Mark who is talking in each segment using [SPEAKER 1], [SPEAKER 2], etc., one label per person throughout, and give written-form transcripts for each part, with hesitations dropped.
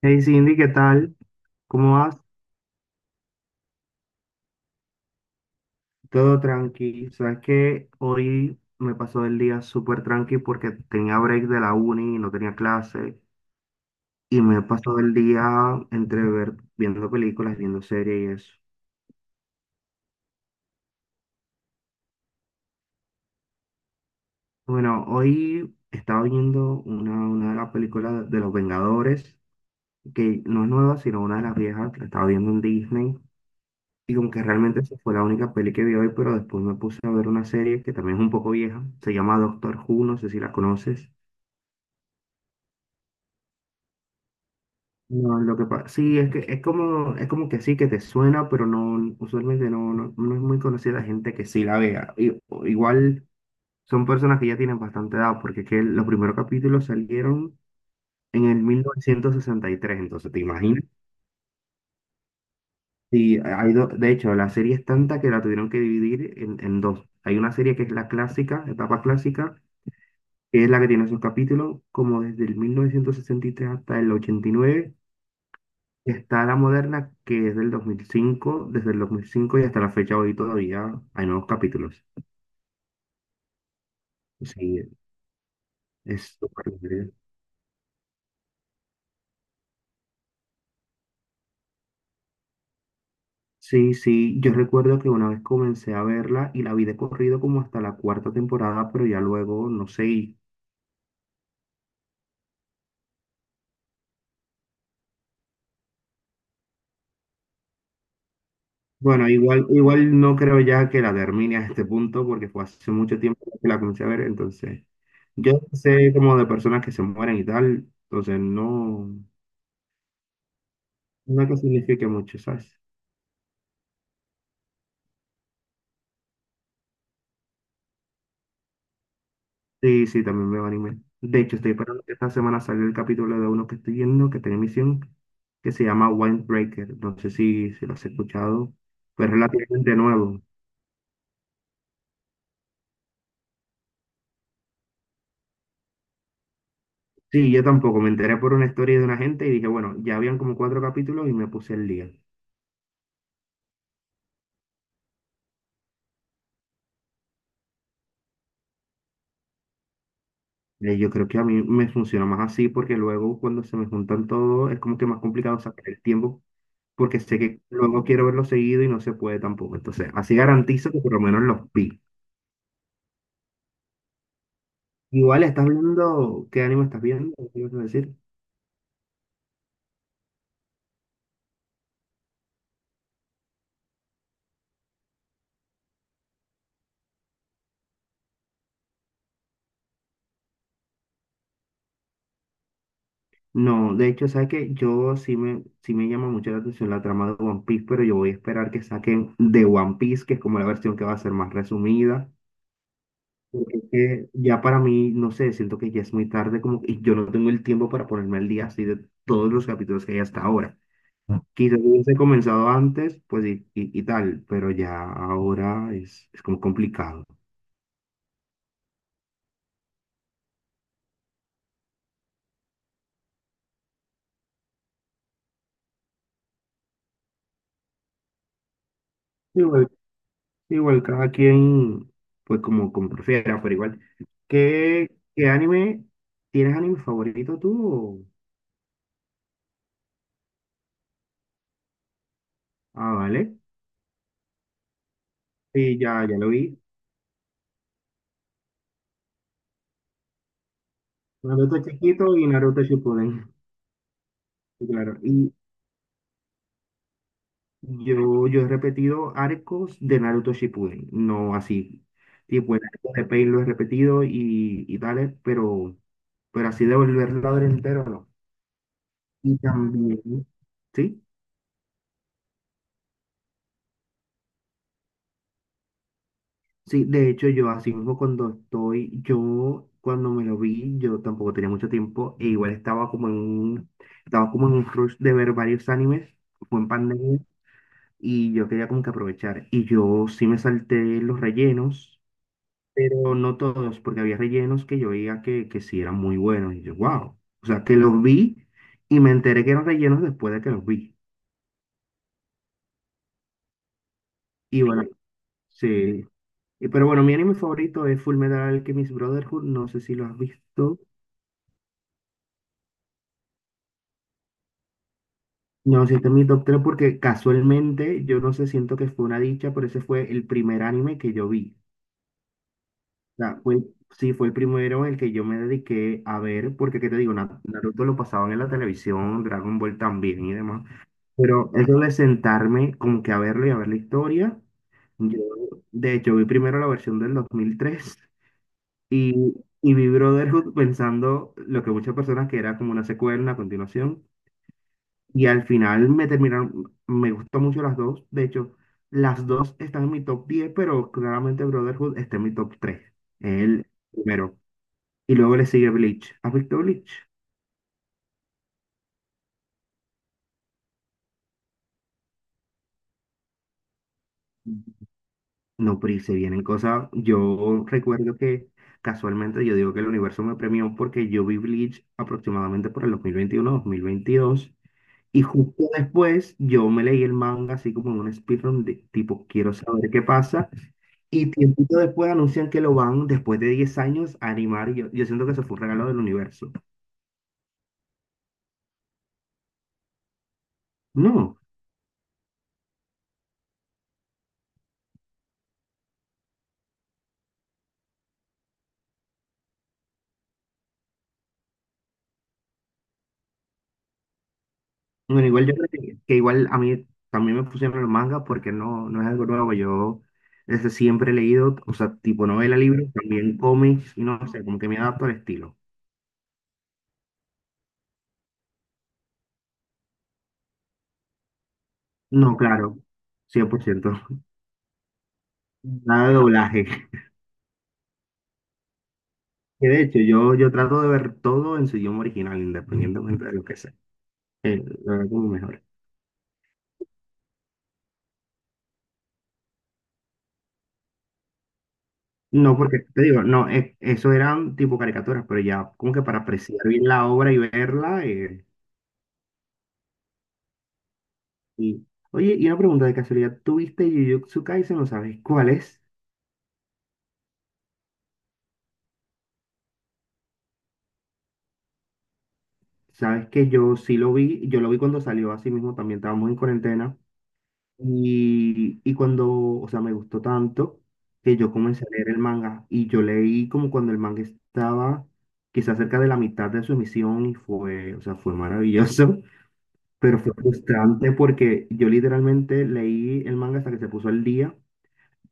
[SPEAKER 1] Hey Cindy, ¿qué tal? ¿Cómo vas? Todo tranqui. Sabes que hoy me pasó el día súper tranqui porque tenía break de la uni y no tenía clase. Y me he pasado el día entre ver, viendo películas, viendo series y eso. Bueno, hoy estaba viendo una de las películas de Los Vengadores, que no es nueva, sino una de las viejas. La estaba viendo en Disney. Y como que realmente esa fue la única peli que vi hoy, pero después me puse a ver una serie que también es un poco vieja. Se llama Doctor Who, no sé si la conoces. No, lo que pasa, sí, es que es como que sí, que te suena, pero no, usualmente no es muy conocida la gente que sí la vea. Igual son personas que ya tienen bastante edad, porque es que los primeros capítulos salieron en el 1963, entonces te imaginas. Sí, de hecho, la serie es tanta que la tuvieron que dividir en dos. Hay una serie que es la clásica, etapa clásica, que es la que tiene sus capítulos como desde el 1963 hasta el 89. Está la moderna que es del 2005, desde el 2005 y hasta la fecha hoy todavía hay nuevos capítulos. Sí, es súper divertido. Sí, sí, yo recuerdo que una vez comencé a verla y la vi de corrido como hasta la cuarta temporada, pero ya luego, no sé, bueno, igual, igual no creo ya que la termine a este punto porque fue hace mucho tiempo que la comencé a ver, entonces yo sé como de personas que se mueren y tal, entonces no, no es que signifique mucho, ¿sabes? Sí, sí, también veo anime. De hecho, estoy esperando que esta semana salga el capítulo de uno que estoy viendo, que tiene emisión, que se llama Windbreaker. No sé si lo has escuchado, pero es relativamente nuevo. Sí, yo tampoco. Me enteré por una historia de una gente y dije, bueno, ya habían como cuatro capítulos y me puse el día. Yo creo que a mí me funciona más así porque luego cuando se me juntan todos es como que más complicado sacar el tiempo porque sé que luego quiero verlo seguido y no se puede tampoco. Entonces, así garantizo que por lo menos los vi. Igual estás viendo, ¿qué anime estás viendo? ¿Qué ibas a decir? No, de hecho, sabes que yo sí me llama mucho la atención la trama de One Piece, pero yo voy a esperar que saquen de One Piece, que es como la versión que va a ser más resumida, porque es que ya para mí, no sé, siento que ya es muy tarde, como y yo no tengo el tiempo para ponerme al día así de todos los capítulos que hay hasta ahora. Quizás hubiese comenzado antes, pues y tal, pero ya ahora es como complicado. Igual cada quien, pues como prefiera, pero igual. ¿Qué, qué anime? ¿Tienes anime favorito tú? Ah, vale. Sí, ya lo vi. Naruto chiquito y Naruto Shippuden. Sí, claro. Y yo he repetido arcos de Naruto Shippuden. No así. Tipo, el arco de Pain lo he repetido y tales, pero así de volverlo a ver entero, no. Y también, ¿sí? Sí, de hecho yo así mismo cuando yo cuando me lo vi, yo tampoco tenía mucho tiempo e igual estaba como estaba como en un rush de ver varios animes, fue en pandemia y yo quería como que aprovechar y yo sí me salté los rellenos, pero no todos, porque había rellenos que yo veía que sí eran muy buenos y yo, wow, o sea, que los vi y me enteré que eran rellenos después de que los vi. Y bueno, sí, pero bueno, mi anime favorito es Fullmetal Alchemist Brotherhood, no sé si lo has visto. No, sí, este es mi top 3 porque casualmente yo no sé, siento que fue una dicha, pero ese fue el primer anime que yo vi. O sea, fue, sí, fue el primero en el que yo me dediqué a ver, porque qué te digo, Naruto lo pasaban en la televisión, Dragon Ball también y demás. Pero eso de sentarme como que a verlo y a ver la historia, yo de hecho vi primero la versión del 2003 y, y vi Brotherhood pensando lo que muchas personas que era como una secuela, una continuación. Y al final me terminaron, me gustó mucho las dos. De hecho, las dos están en mi top 10 pero claramente Brotherhood está en mi top tres. El primero. Y luego le sigue Bleach. ¿Has visto Bleach? No, pero y se vienen cosas. Yo recuerdo que casualmente yo digo que el universo me premió porque yo vi Bleach aproximadamente por el 2021 2022. Y justo después yo me leí el manga así como en un speedrun de tipo, quiero saber qué pasa. Y tiempito después anuncian que lo van, después de 10 años, a animar. Y yo siento que eso fue un regalo del universo. No, bueno, igual yo creo que igual a mí también me pusieron el manga porque no, no es algo nuevo. Yo desde siempre he leído, o sea, tipo novela, libros, también cómics, y no sé, como que me adapto al estilo. No, claro, 100%. Nada de doblaje. Que de hecho, yo trato de ver todo en su idioma original, independientemente de lo que sea. Eh, lo veo como mejor. No, porque te digo, no, eso eran tipo caricaturas, pero ya como que para apreciar bien la obra y verla. Y, Oye, y una pregunta de casualidad, ¿tú viste Jujutsu Kaisen o sabes cuál es? Sabes que yo sí lo vi, yo lo vi cuando salió, así mismo también estábamos en cuarentena. Y, y cuando, o sea, me gustó tanto que yo comencé a leer el manga y yo leí como cuando el manga estaba quizás cerca de la mitad de su emisión y fue, o sea, fue maravilloso, pero fue frustrante porque yo literalmente leí el manga hasta que se puso al día,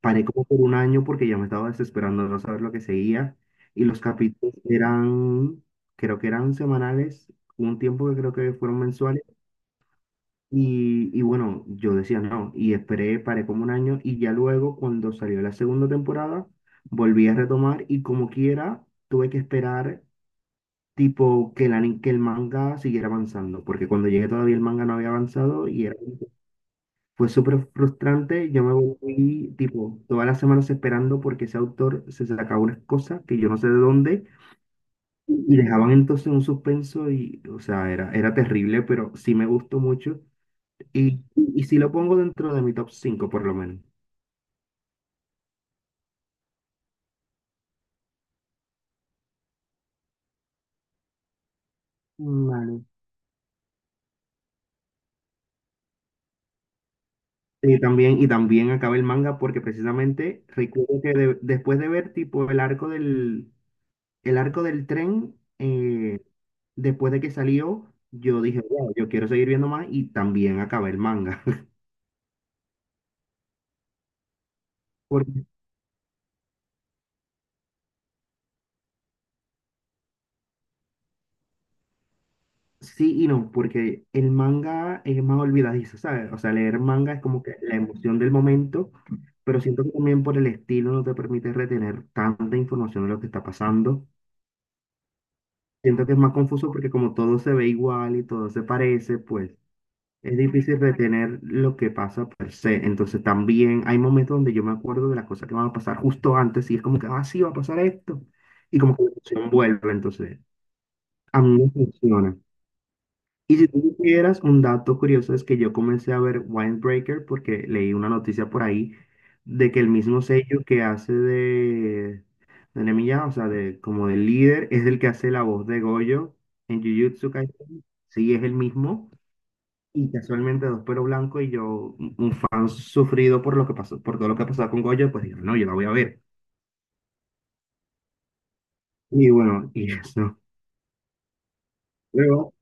[SPEAKER 1] paré como por un año porque ya me estaba desesperando de no saber lo que seguía y los capítulos eran, creo que eran semanales, hubo un tiempo que creo que fueron mensuales y bueno, yo decía no, y esperé, paré como un año y ya luego cuando salió la segunda temporada, volví a retomar y como quiera, tuve que esperar tipo que que el manga siguiera avanzando, porque cuando llegué todavía el manga no había avanzado y fue súper frustrante, yo me volví tipo todas las semanas esperando porque ese autor se sacaba unas cosas que yo no sé de dónde y dejaban entonces un suspenso y, o sea, era, era terrible, pero sí me gustó mucho. Y si lo pongo dentro de mi top 5 por lo menos. Vale. Y también acaba el manga porque precisamente recuerdo que después de ver tipo el arco del tren, después de que salió, yo dije, wow, yo quiero seguir viendo más y también acabé el manga. Porque, sí y no, porque el manga es más olvidadizo, ¿sabes? O sea, leer manga es como que la emoción del momento, pero siento que también por el estilo no te permite retener tanta información de lo que está pasando. Siento que es más confuso porque como todo se ve igual y todo se parece, pues es difícil retener lo que pasa per se. Entonces también hay momentos donde yo me acuerdo de las cosas que van a pasar justo antes y es como que, ah, sí, va a pasar esto. Y como que la emoción vuelve, entonces a mí me funciona. Y si tú supieras, un dato curioso es que yo comencé a ver Windbreaker porque leí una noticia por ahí de que el mismo sello que hace de Nemiya, o sea, de, como del líder, es el que hace la voz de Goyo en Jujutsu Kaisen. Sí, es el mismo. Y casualmente dos pero blanco y yo, un fan sufrido por lo que pasó, por todo lo que ha pasado con Goyo, pues digo, no, yo la voy a ver. Y bueno, y eso. Luego,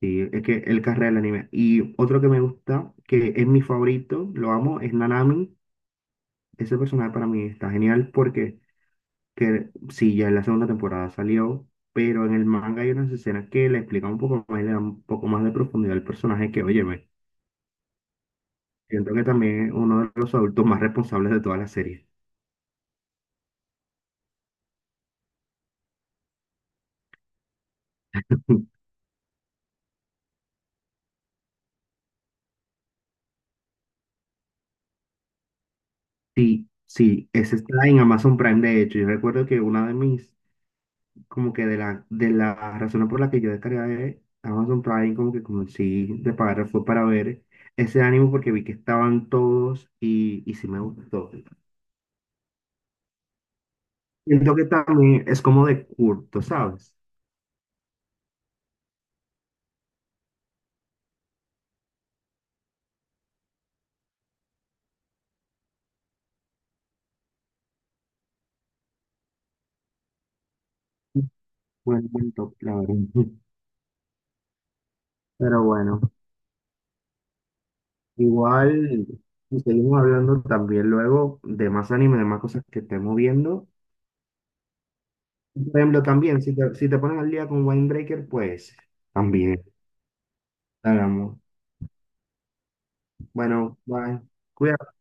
[SPEAKER 1] sí, es que el carrera del anime. Y otro que me gusta, que es mi favorito, lo amo, es Nanami. Ese personaje para mí está genial porque que, sí, ya en la segunda temporada salió, pero en el manga hay unas escenas que le explican un poco más, y le dan un poco más de profundidad al personaje que, óyeme, siento que también es uno de los adultos más responsables de toda la serie. Sí, sí, ese está en Amazon Prime, de hecho. Yo recuerdo que una de mis como que de de la razón por la que yo descargué Amazon Prime, como que sí de pagar fue para ver ese ánimo porque vi que estaban todos y sí me gustó. Siento que también es como de culto, ¿sabes? Buen top, la verdad. Pero bueno, igual si seguimos hablando también luego de más anime, de más cosas que estemos viendo. Por ejemplo, también, si te pones al día con Winebreaker, pues también hablamos. Bueno, bye. Cuídate.